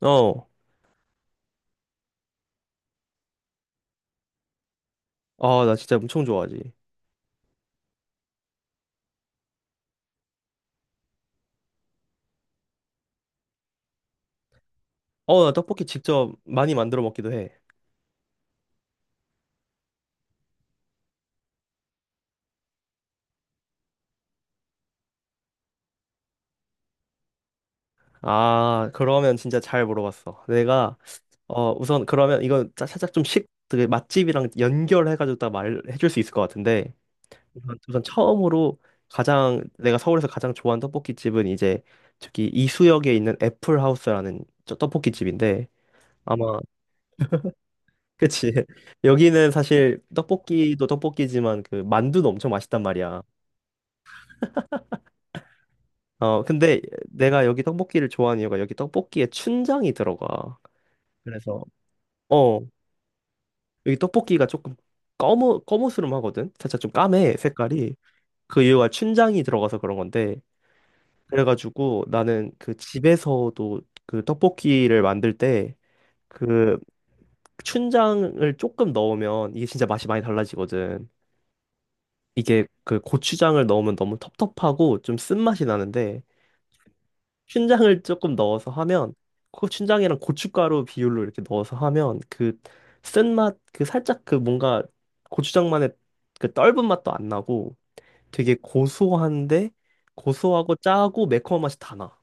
어. 아, 나 진짜 엄청 좋아하지. 나 떡볶이 직접 많이 만들어 먹기도 해. 아, 그러면 진짜 잘 물어봤어. 내가, 우선 그러면 이거 살짝 좀 그 맛집이랑 연결해가지고 딱 말해줄 수 있을 것 같은데. 우선 처음으로 내가 서울에서 가장 좋아하는 떡볶이집은 이제 저기 이수역에 있는 애플하우스라는 저 떡볶이집인데. 아마, 그치. 여기는 사실 떡볶이도 떡볶이지만 그 만두도 엄청 맛있단 말이야. 근데 내가 여기 떡볶이를 좋아하는 이유가 여기 떡볶이에 춘장이 들어가. 그래서, 어, 여기 떡볶이가 조금 검은스름하거든? 살짝 좀 까매, 색깔이. 그 이유가 춘장이 들어가서 그런 건데. 그래가지고 나는 그 집에서도 그 떡볶이를 만들 때 그 춘장을 조금 넣으면 이게 진짜 맛이 많이 달라지거든. 이게 그 고추장을 넣으면 너무 텁텁하고 좀 쓴맛이 나는데 춘장을 조금 넣어서 하면 그 춘장이랑 고춧가루 비율로 이렇게 넣어서 하면 그 쓴맛 그 살짝 그 뭔가 고추장만의 그 떫은 맛도 안 나고 되게 고소한데 고소하고 짜고 매콤한 맛이 다 나.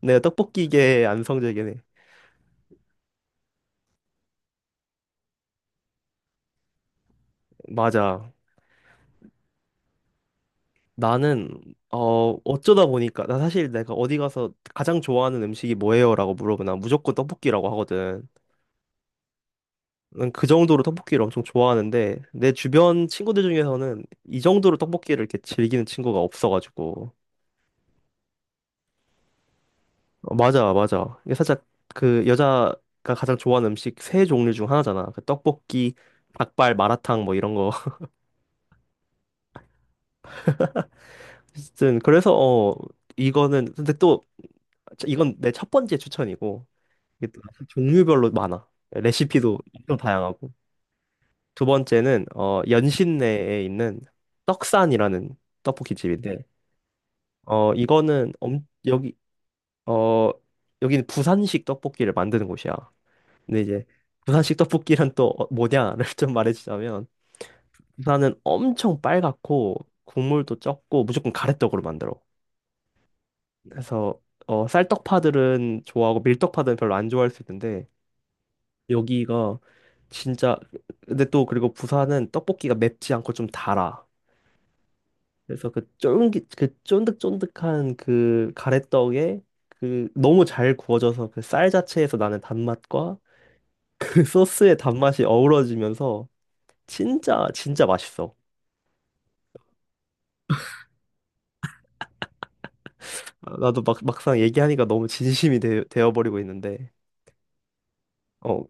내가 떡볶이계 안성재계네. 맞아. 나는 어쩌다 보니까 나 사실 내가 어디 가서 가장 좋아하는 음식이 뭐예요라고 물어보면 난 무조건 떡볶이라고 하거든. 저는 그 정도로 떡볶이를 엄청 좋아하는데 내 주변 친구들 중에서는 이 정도로 떡볶이를 이렇게 즐기는 친구가 없어가지고 맞아 맞아 이게 살짝 그 여자가 가장 좋아하는 음식 세 종류 중 하나잖아 그 떡볶이 닭발 마라탕 뭐 이런 거 어쨌든 그래서 이거는 근데 또 자, 이건 내 첫 번째 추천이고 이게 또 종류별로 많아 레시피도 엄청 다양하고 두 번째는 연신내에 있는 떡산이라는 떡볶이 집인데 어, 이거는 엄, 여기, 어, 여기는 부산식 떡볶이를 만드는 곳이야. 근데 이제 부산식 떡볶이란 또 뭐냐를 좀 말해주자면 부산은 엄청 빨갛고 국물도 적고 무조건 가래떡으로 만들어. 그래서 쌀떡파들은 좋아하고 밀떡파들은 별로 안 좋아할 수 있는데 여기가 진짜 근데 또 그리고 부산은 떡볶이가 맵지 않고 좀 달아. 그래서 그 쫄깃 그 쫀득쫀득한 그 가래떡에 그 너무 잘 구워져서 그 쌀 자체에서 나는 단맛과 그 소스의 단맛이 어우러지면서 진짜 진짜 맛있어. 아, 나도 막 막상 얘기하니까 너무 진심이 되어버리고 있는데. 어.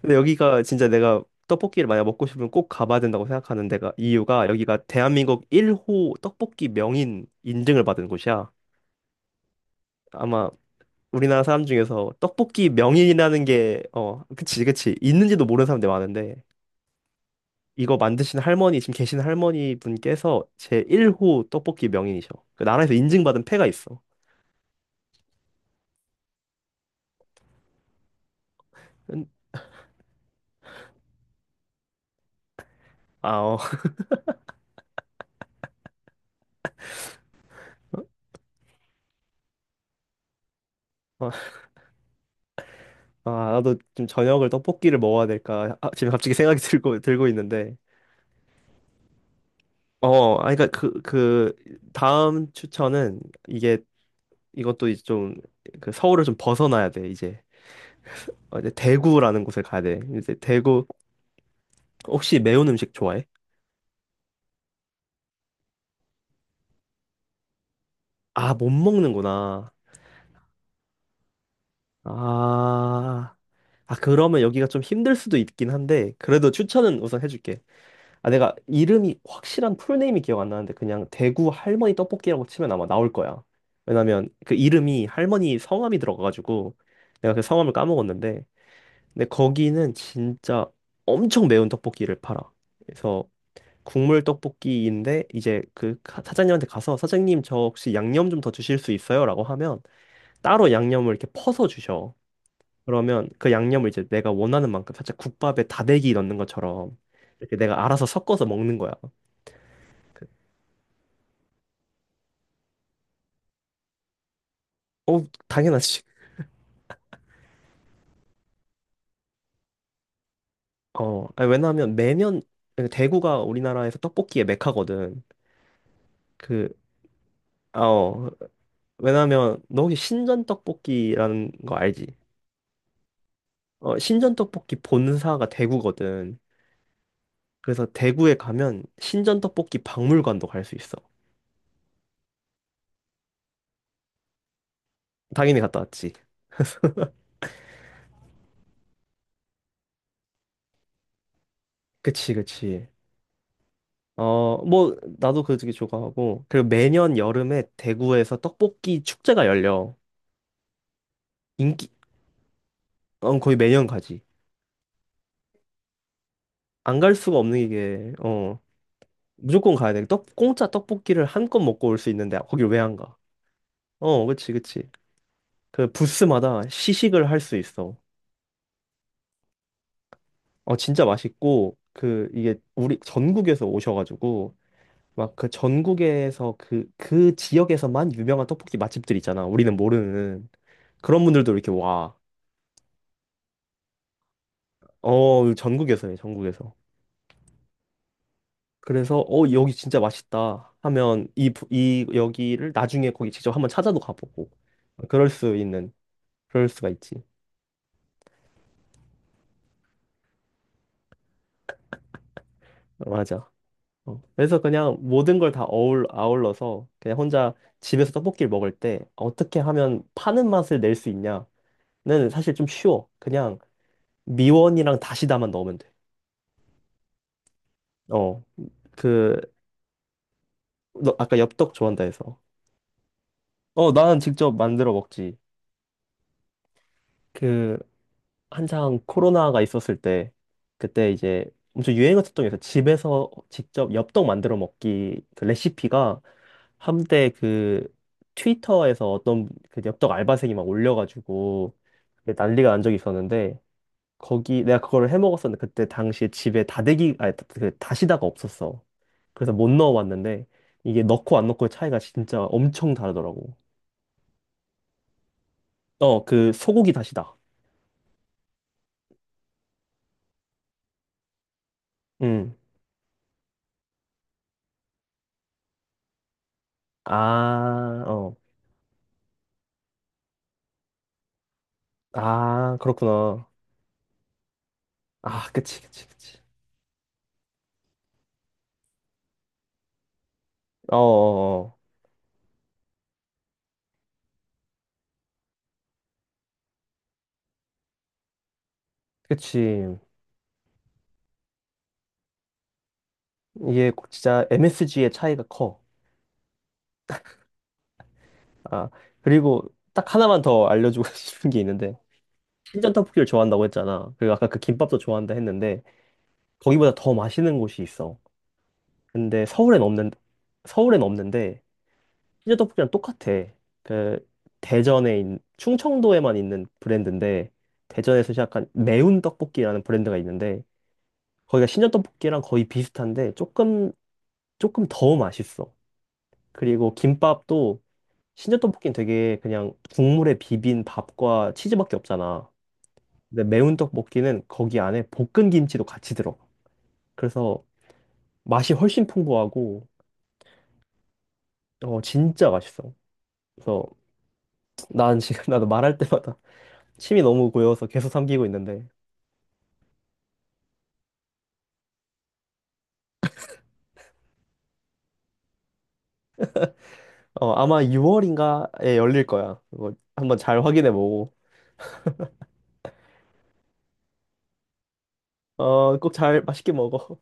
근데 여기가 진짜 내가 떡볶이를 만약 먹고 싶으면 꼭 가봐야 된다고 생각하는 데가 이유가 여기가 대한민국 1호 떡볶이 명인 인증을 받은 곳이야. 아마 우리나라 사람 중에서 떡볶이 명인이라는 게, 그치, 그치. 있는지도 모르는 사람들 많은데, 이거 만드신 할머니, 지금 계신 할머니 분께서 제 1호 떡볶이 명인이셔. 그 나라에서 인증받은 패가 있어. 은- 아, 어. 아, 나도 좀 저녁을 떡볶이를 먹어야 될까. 아, 지금 갑자기 생각이 들고 있는데. 아, 그니까 그, 다음 추천은 이게, 이것도 이제 좀, 그 서울을 좀 벗어나야 돼, 이제. 이제 대구라는 곳을 가야 돼. 이제 대구, 혹시 매운 음식 좋아해? 아, 못 먹는구나. 아, 아, 그러면 여기가 좀 힘들 수도 있긴 한데, 그래도 추천은 우선 해줄게. 아, 내가 이름이, 확실한 풀네임이 기억 안 나는데, 그냥 대구 할머니 떡볶이라고 치면 아마 나올 거야. 왜냐면 그 이름이 할머니 성함이 들어가가지고, 내가 그 성함을 까먹었는데, 근데 거기는 진짜 엄청 매운 떡볶이를 팔아. 그래서 국물 떡볶이인데, 이제 그 사장님한테 가서, 사장님 저 혹시 양념 좀 더 주실 수 있어요? 라고 하면, 따로 양념을 이렇게 퍼서 주셔. 그러면 그 양념을 이제 내가 원하는 만큼 살짝 국밥에 다대기 넣는 것처럼 이렇게 내가 알아서 섞어서 먹는 거야. 그- 어, 당연하지. 어, 아니, 왜냐하면 매년 대구가 우리나라에서 떡볶이의 메카거든. 그, 아, 어, 왜냐하면 너 혹시 신전 떡볶이라는 거 알지? 어, 신전 떡볶이 본사가 대구거든. 그래서 대구에 가면 신전 떡볶이 박물관도 갈 수 있어. 당연히 갔다 왔지. 그치, 그치. 뭐, 나도 그 되게 좋아하고. 그리고 매년 여름에 대구에서 떡볶이 축제가 열려. 인기, 거의 매년 가지. 안 갈 수가 없는 게, 무조건 가야 돼. 공짜 떡볶이를 한껏 먹고 올 수 있는데, 거길 왜 안 가? 어, 그치, 그치. 그 부스마다 시식을 할 수 있어. 진짜 맛있고, 그, 이게, 우리, 전국에서 오셔가지고, 막 그 전국에서 그 지역에서만 유명한 떡볶이 맛집들 있잖아. 우리는 모르는. 그런 분들도 이렇게 와. 어, 전국에서요, 전국에서. 그래서, 여기 진짜 맛있다 하면, 여기를 나중에 거기 직접 한번 찾아도 가보고. 그럴 수 있는, 그럴 수가 있지. 어, 맞아. 어. 그래서 그냥 모든 걸 다 아울러서 그냥 혼자 집에서 떡볶이를 먹을 때 어떻게 하면 파는 맛을 낼 수 있냐는 사실 좀 쉬워. 그냥 미원이랑 다시다만 넣으면 돼. 어, 그, 너 아까 엽떡 좋아한다 해서. 어, 나는 직접 만들어 먹지. 그, 한창 코로나가 있었을 때 그때 이제 엄청 유행했었던 게 있어요. 집에서 직접 엽떡 만들어 먹기 그 레시피가 한때 그 트위터에서 어떤 그 엽떡 알바생이 막 올려가지고 그게 난리가 난 적이 있었는데 거기 내가 그걸 해 먹었었는데 그때 당시에 집에 다대기 아니 그 다시다가 없었어. 그래서 못 넣어봤는데 이게 넣고 안 넣고의 차이가 진짜 엄청 다르더라고. 어, 그 소고기 다시다. 음. 아, 어. 아, 그렇구나. 아, 그치, 그치, 그치. 어어어. 그치. 이게 진짜 MSG의 차이가 커. 아, 그리고 딱 하나만 더 알려주고 싶은 게 있는데, 신전 떡볶이를 좋아한다고 했잖아. 그리고 아까 그 김밥도 좋아한다 했는데, 거기보다 더 맛있는 곳이 있어. 근데 서울엔 없는데, 신전 떡볶이랑 똑같아. 그, 충청도에만 있는 브랜드인데, 대전에서 시작한 매운 떡볶이라는 브랜드가 있는데, 거기가 신전 떡볶이랑 거의 비슷한데 조금 더 맛있어. 그리고 김밥도 신전 떡볶이는 되게 그냥 국물에 비빈 밥과 치즈밖에 없잖아. 근데 매운 떡볶이는 거기 안에 볶은 김치도 같이 들어가. 그래서 맛이 훨씬 풍부하고 진짜 맛있어. 그래서 난 지금 나도 말할 때마다 침이 너무 고여서 계속 삼키고 있는데 아마 6월인가에 열릴 거야. 그거 한번 잘 확인해 보고 어꼭 잘 맛있게 먹어.